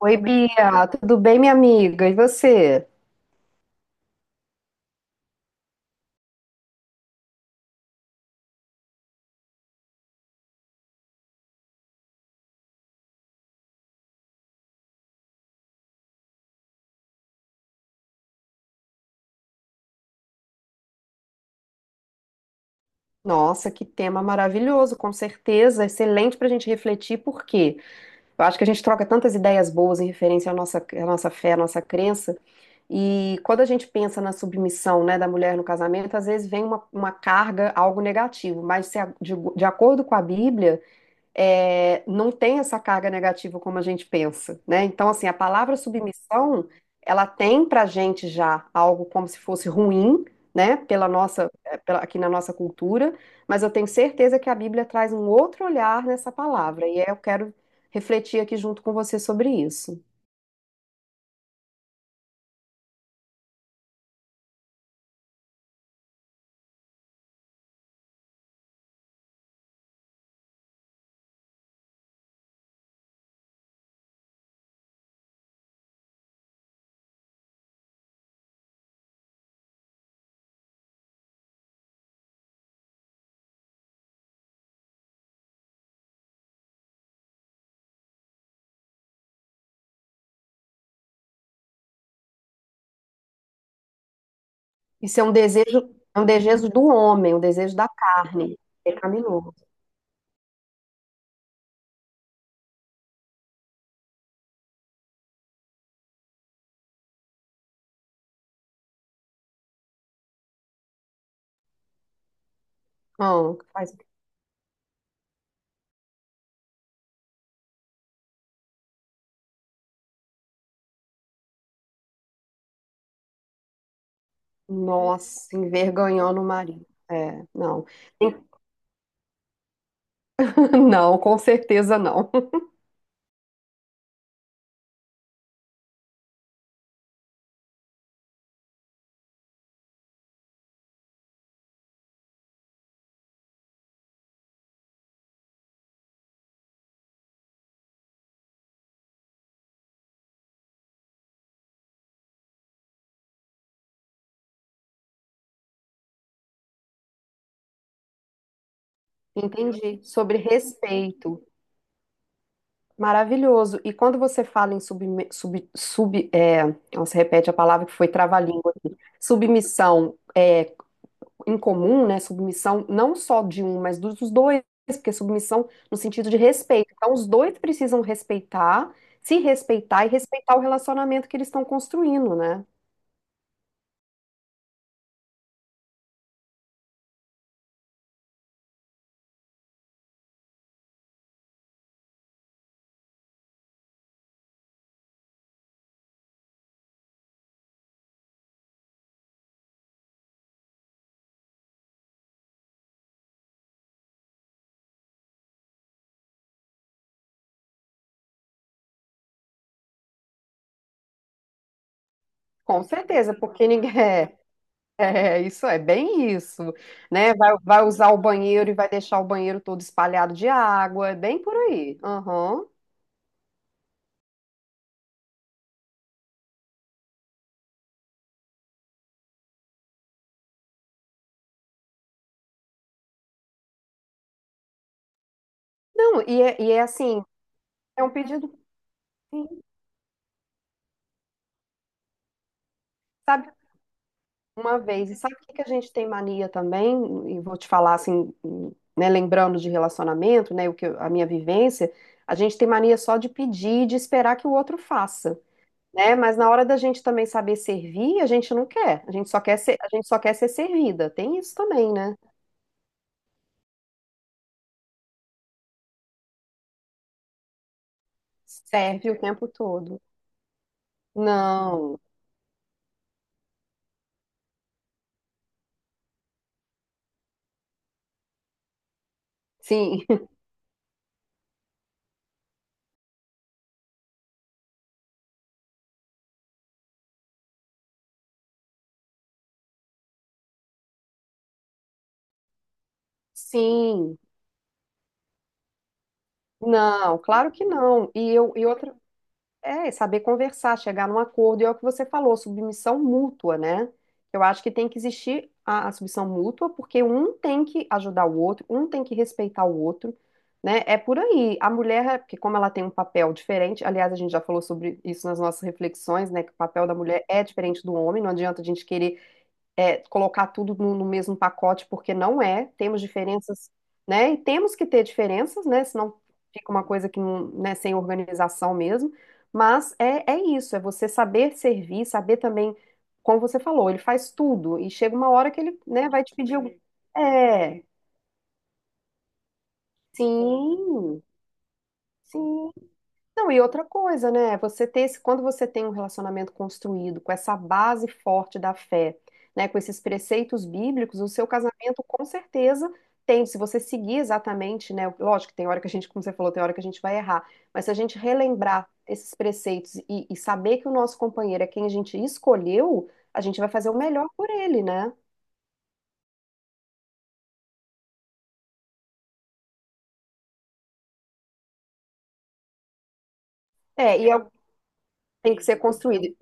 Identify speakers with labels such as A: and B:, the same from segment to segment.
A: Oi, Bia, tudo bem, minha amiga? E você? Nossa, que tema maravilhoso, com certeza, excelente para a gente refletir, por quê? Eu acho que a gente troca tantas ideias boas em referência à nossa fé, à nossa crença, e quando a gente pensa na submissão, né, da mulher no casamento, às vezes vem uma carga, algo negativo, mas se a- de acordo com a Bíblia. Não tem essa carga negativa como a gente pensa, né? Então, assim, a palavra submissão, ela tem pra gente já algo como se fosse ruim, né? Pela nossa, é, pela- Aqui na nossa cultura, mas eu tenho certeza que a Bíblia traz um outro olhar nessa palavra, eu quero refletir aqui junto com você sobre isso. Isso é um desejo do homem, um desejo da carne, é pecaminoso. Não, faz... Nossa, envergonhando o marido. É, não. Não, com certeza não. Entendi. Sobre respeito. Maravilhoso. E quando você fala em nossa, repete a palavra que foi trava-língua aqui. Submissão é em comum, né? Submissão não só de um, mas dos dois, porque submissão no sentido de respeito. Então, os dois precisam respeitar, se respeitar e respeitar o relacionamento que eles estão construindo, né? Com certeza, porque ninguém, é, isso é bem isso, né? Vai usar o banheiro e vai deixar o banheiro todo espalhado de água, é bem por aí. Aham. Não, e é assim, é um pedido, sim, sabe, uma vez. E sabe o que que a gente tem mania também? E vou te falar assim, né, lembrando de relacionamento, né, a minha vivência, a gente tem mania só de pedir, e de esperar que o outro faça, né? Mas na hora da gente também saber servir, a gente não quer. A gente só quer ser servida. Tem isso também, né? Serve o tempo todo. Não. Sim. Sim. Não, claro que não. E eu e outra é saber conversar, chegar num acordo, e é o que você falou, submissão mútua, né? Eu acho que tem que existir a submissão mútua, porque um tem que ajudar o outro, um tem que respeitar o outro, né? É por aí. A mulher, porque como ela tem um papel diferente, aliás, a gente já falou sobre isso nas nossas reflexões, né? Que o papel da mulher é diferente do homem, não adianta a gente querer colocar tudo no mesmo pacote, porque não é, temos diferenças, né? E temos que ter diferenças, né? Senão fica uma coisa que não, né, sem organização mesmo. Mas é isso, é você saber servir, saber também, como você falou, ele faz tudo, e chega uma hora que ele, né, vai te pedir algum. É, sim, sim, não, e outra coisa, né? Você ter esse, quando você tem um relacionamento construído com essa base forte da fé, né, com esses preceitos bíblicos, o seu casamento com certeza tem, se você seguir exatamente, né, lógico que tem hora que a gente, como você falou, tem hora que a gente vai errar, mas se a gente relembrar esses preceitos e saber que o nosso companheiro é quem a gente escolheu, a gente vai fazer o melhor por ele, né? O que tem que ser construído.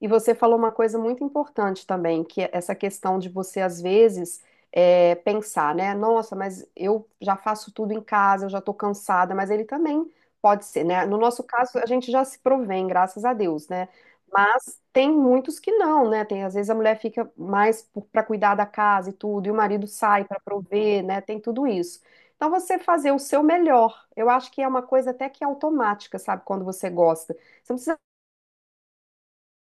A: E você falou uma coisa muito importante também, que é essa questão de você, às vezes, pensar, né? Nossa, mas eu já faço tudo em casa, eu já tô cansada, mas ele também pode ser, né? No nosso caso, a gente já se provém, graças a Deus, né? Mas tem muitos que não, né? Tem, às vezes a mulher fica mais para cuidar da casa e tudo, e o marido sai para prover, né? Tem tudo isso. Então, você fazer o seu melhor. Eu acho que é uma coisa até que automática, sabe? Quando você gosta. Você não precisa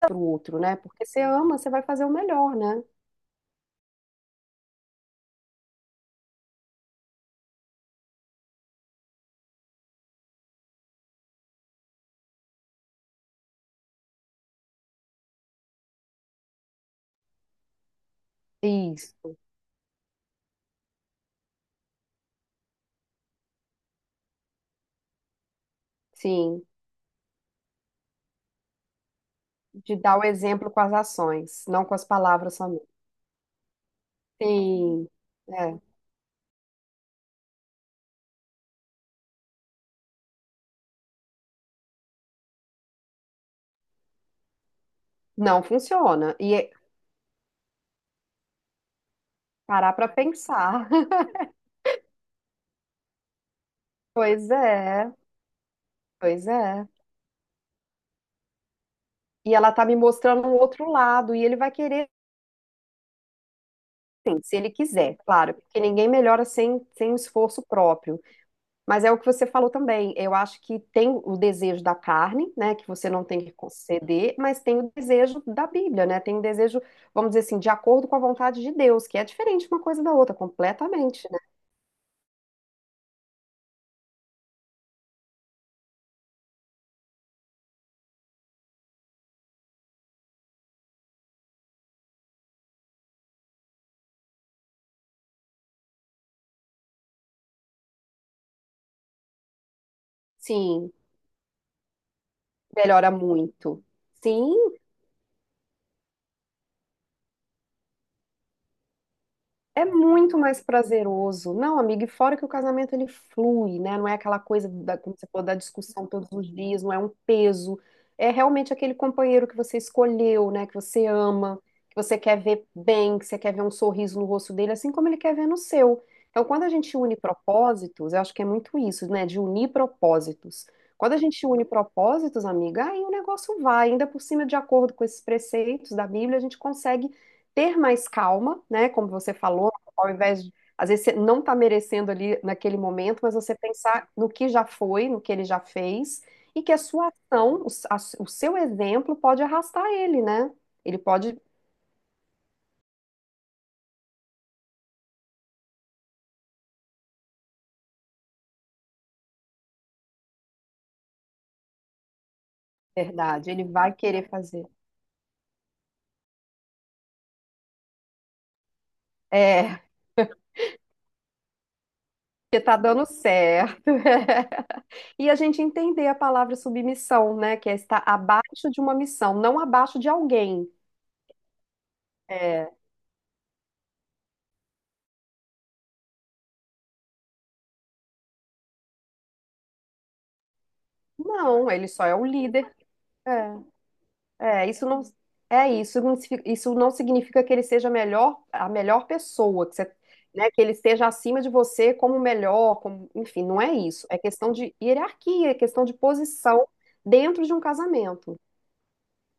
A: pro outro, né? Porque você ama, você vai fazer o melhor, né? Isso. Sim, de dar o exemplo com as ações, não com as palavras somente. Sim, é. Não funciona. E é- parar pra pensar. Pois é, pois é. E ela tá me mostrando um outro lado, e ele vai querer, sim, se ele quiser, claro, porque ninguém melhora sem um esforço próprio. Mas é o que você falou também. Eu acho que tem o desejo da carne, né, que você não tem que conceder, mas tem o desejo da Bíblia, né? Tem o desejo, vamos dizer assim, de acordo com a vontade de Deus, que é diferente uma coisa da outra, completamente, né? Sim, melhora muito. Sim, é muito mais prazeroso. Não, amiga, e fora que o casamento ele flui, né? Não é aquela coisa da, como você falou, da discussão todos os dias, não é um peso. É realmente aquele companheiro que você escolheu, né? Que você ama, que você quer ver bem, que você quer ver um sorriso no rosto dele, assim como ele quer ver no seu. Então, quando a gente une propósitos, eu acho que é muito isso, né? De unir propósitos. Quando a gente une propósitos, amiga, aí o negócio vai. Ainda por cima, de acordo com esses preceitos da Bíblia, a gente consegue ter mais calma, né? Como você falou, ao invés de, às vezes você não está merecendo ali naquele momento, mas você pensar no que já foi, no que ele já fez, e que a sua ação, o seu exemplo pode arrastar ele, né? Ele pode, verdade, ele vai querer fazer. É, porque tá dando certo. E a gente entender a palavra submissão, né? Que é estar abaixo de uma missão, não abaixo de alguém. É, não, ele só é o líder. É, não isso não significa que ele seja a melhor pessoa, que você, né, que ele esteja acima de você como melhor, como, enfim, não é isso. É questão de hierarquia, é questão de posição dentro de um casamento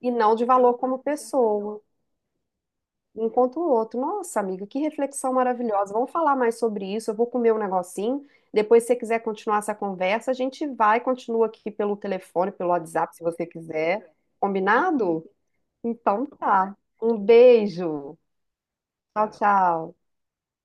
A: e não de valor como pessoa. Enquanto o outro. Nossa, amiga, que reflexão maravilhosa. Vamos falar mais sobre isso. Eu vou comer um negocinho. Depois, se você quiser continuar essa conversa, a gente vai, continua aqui pelo telefone, pelo WhatsApp, se você quiser. Combinado? Então tá. Um beijo. Tchau, tchau.